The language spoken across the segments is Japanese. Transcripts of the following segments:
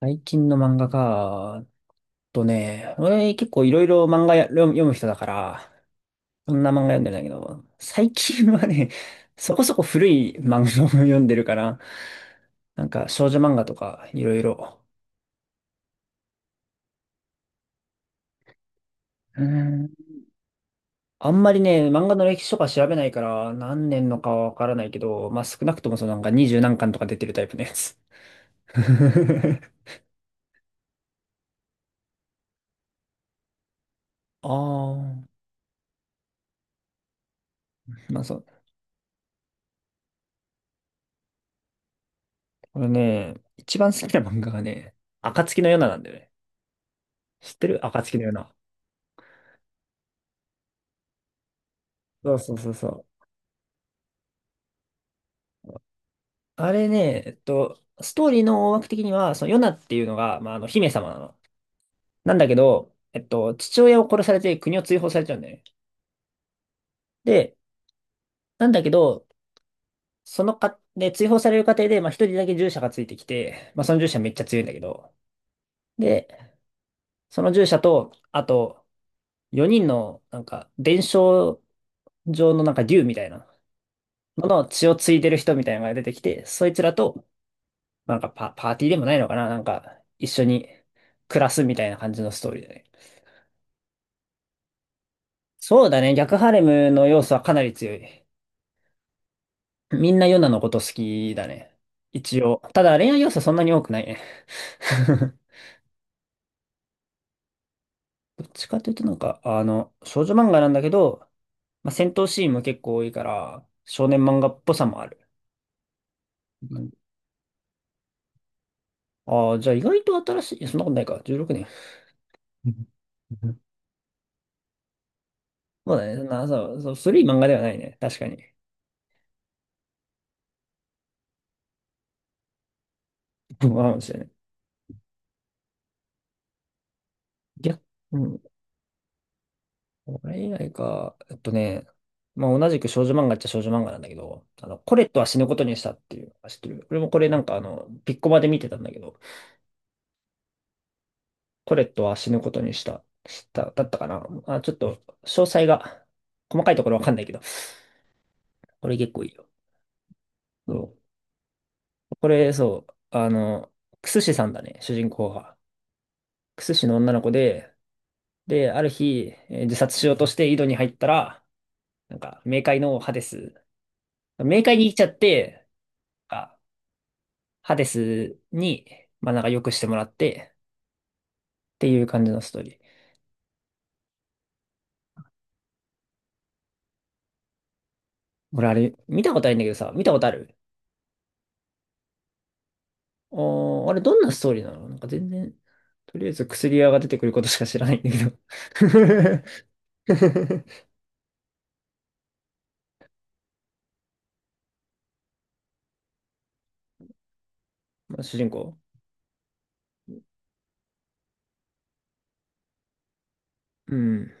最近の漫画か、とね、俺結構いろいろ漫画や読む人だから、そんな漫画読んでないんだけど、最近はね、そこそこ古い漫画を読んでるから、なんか少女漫画とかいろいろ。うーん。あんまりね、漫画の歴史とか調べないから何年のかはわからないけど、まあ少なくともそのなんか二十何巻とか出てるタイプのやつ。ああ、まあそう。これね、一番好きな漫画がね、暁の夜ななんだよね。知ってる？暁のような。そうそうそうそう。あれね、ストーリーの大枠的には、そのヨナっていうのが、まあ、姫様なの。なんだけど、父親を殺されて国を追放されちゃうんだよね。で、なんだけど、そのか、で、追放される過程で、まあ、一人だけ従者がついてきて、まあ、その従者めっちゃ強いんだけど、で、その従者と、あと、4人の、なんか、伝承上のなんか竜みたいなのの血を継いでる人みたいなのが出てきて、そいつらとなんかパーティーでもないのかななんか、一緒に暮らすみたいな感じのストーリーだね。そうだね。逆ハレムの要素はかなり強い。みんなヨナのこと好きだね。一応。ただ恋愛要素そんなに多くないね。どっちかというとなんか、少女漫画なんだけど、まあ、戦闘シーンも結構多いから、少年漫画っぽさもある。ああー、じゃあ意外と新しい。いやそんなことないか。16年。そうだね。そんな、そう、そう古い漫画ではないね。確かに。そうかかもしれない。逆、うん。これ以外か、まあ同じく少女漫画っちゃ少女漫画なんだけど、コレットは死ぬことにしたっていう、知ってる？俺もこれなんかピッコマで見てたんだけど、コレットは死ぬことにした、だったかな。あ、ちょっと、詳細が、細かいところわかんないけど、これ結構いいよ。そう。これ、そう、クスシさんだね、主人公が。クスシの女の子で、ある日、自殺しようとして井戸に入ったら、なんか、冥界のハデス、冥界に行っちゃって、あハデスに、まあなんか良くしてもらってっていう感じのストーリー。俺あれ、見たことあるんだけどさ、見たことある？おー、あれどんなストーリーなの？なんか全然、とりあえず薬屋が出てくることしか知らないんだけど まあ主人公。うん。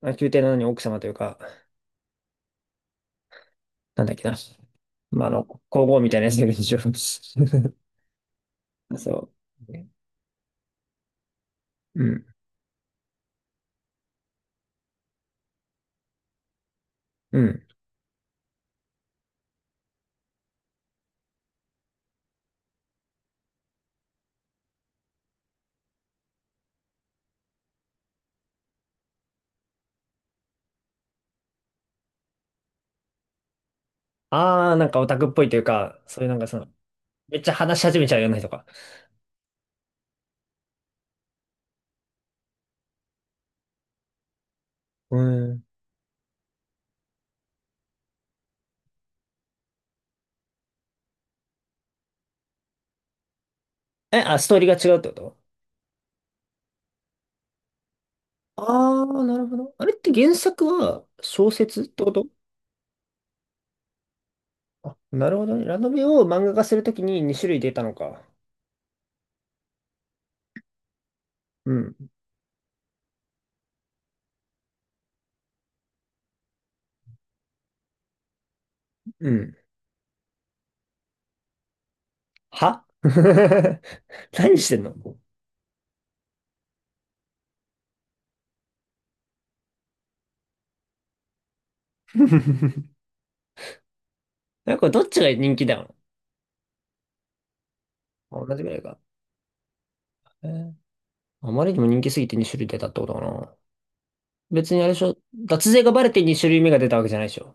まあ、宮廷なのに奥様というか、なんだっけな。まあ皇后みたいなやつだけど一応 そう。うん。うん。あー、なんかオタクっぽいというか、そういうなんかめっちゃ話し始めちゃうような人か。うん。え、あ、ストーリーが違うってこと？ああ、なるほど。あれって原作は小説ってこと？あ、なるほどね。ラノベを漫画化するときに2種類出たのか。うん、うん。は 何してんの？ なんか これどっちが人気だよ。あ同じぐらいか。えーあまりにも人気すぎて2種類出たってことかな。別にあれでしょ。脱税がバレて2種類目が出たわけじゃないでしょ。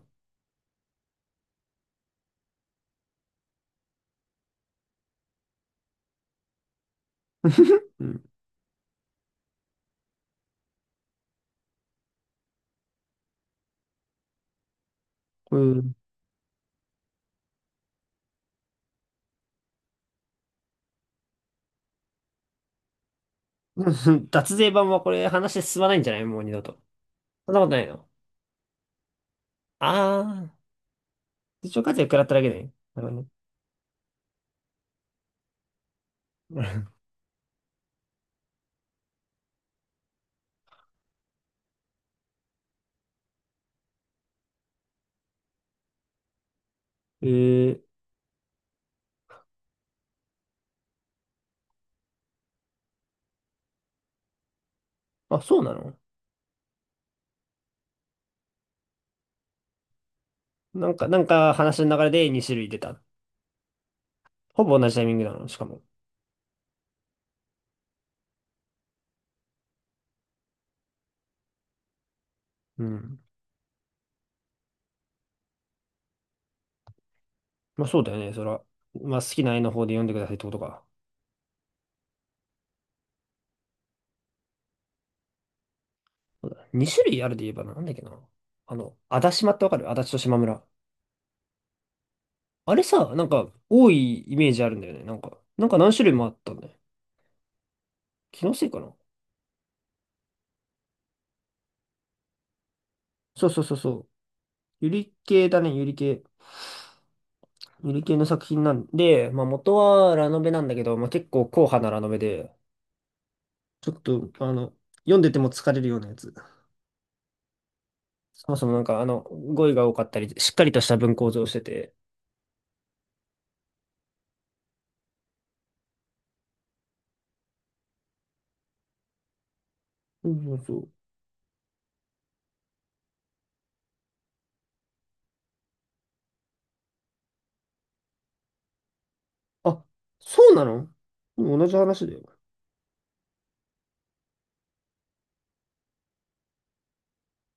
うん。うん 脱税版はこれ話進まないんじゃない？もう二度と。そんなことないの？ああー、手帳課税食らっただけね。えー、あ、そうなの？なんか話の流れで2種類出た。ほぼ同じタイミングなの？しかも。うん。まあそうだよね、そら。まあ好きな絵の方で読んでくださいってことか。そうだ2種類あるで言えばなんだっけな。足立島ってわかる？足立と島村。あれさ、なんか多いイメージあるんだよね。なんか何種類もあったんだよ。気のせいかな。そうそうそうそう。ゆり系だね、ゆり系。ゆり系の作品なんで、まあ元はラノベなんだけど、まあ結構硬派なラノベで、ちょっと、読んでても疲れるようなやつ。そもそもなんか、語彙が多かったり、しっかりとした文構造をしてて、そうそうそう。あ、そうなの？でも同じ話だよ。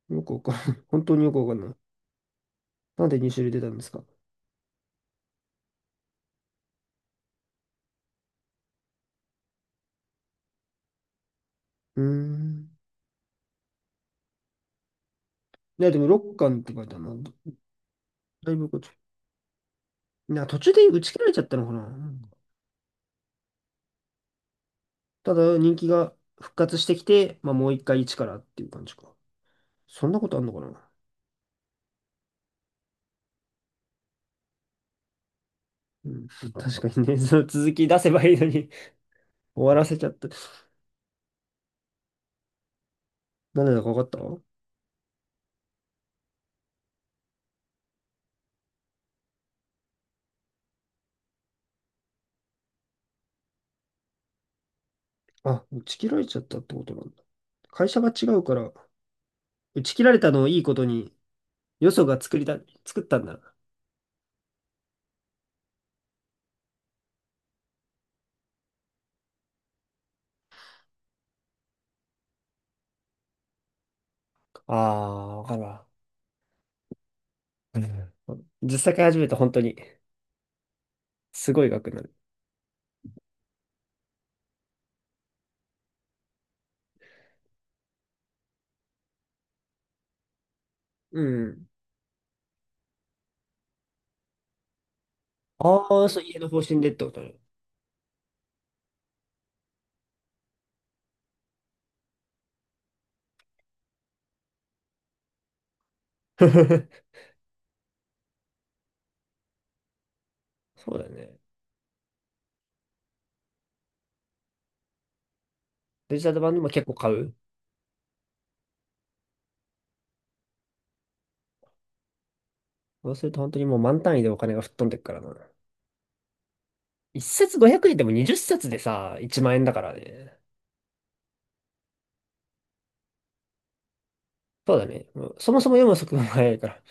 よくわかんない。本当によくわかんない。なんで2種類出たんですか？うーん。いや、でも6巻って書いてあるな。だいぶこっち。いや、途中で打ち切られちゃったのかな。うん。ただ、人気が復活してきて、まあ、もう一回一からっていう感じか。そんなことあんのかな。うん、確かにね、その続き出せばいいのに 終わらせちゃった。なんでだかわかった？あ、打ち切られちゃったってことなんだ。会社が違うから、打ち切られたのをいいことに、よそが作ったんだな。ああ、わかるわ。うん。実際買い始めたら本当に、すごい額になる。うん。ああ、そう、家の方針でってことね。そうだよね。デジタル版でも結構買う？そうすると本当にもう満単位でお金が吹っ飛んでっからな。一冊500円でも20冊でさ、1万円だからね。そうだね。もうそもそも読む速度が速いから。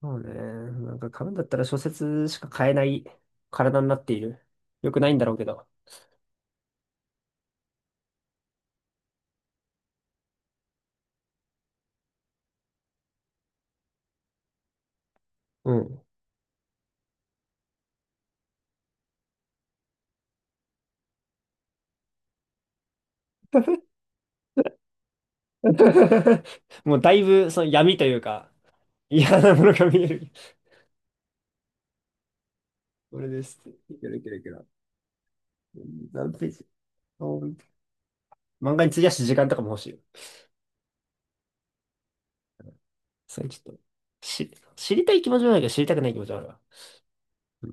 そうね。なんか買うんだったら小説しか買えない体になっている。よくないんだろうけど。うん。もうだいぶその闇というか、嫌なものが見える。これです。いけるいけるいける。何ページ？お。漫画に費やす時間とかも欲しいよ。それちょっと、し、知りたい気持ちもあるけど、知りたくない気持ちもあるわ。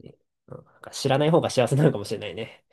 ね。うん。なんか知らない方が幸せなのかもしれないね。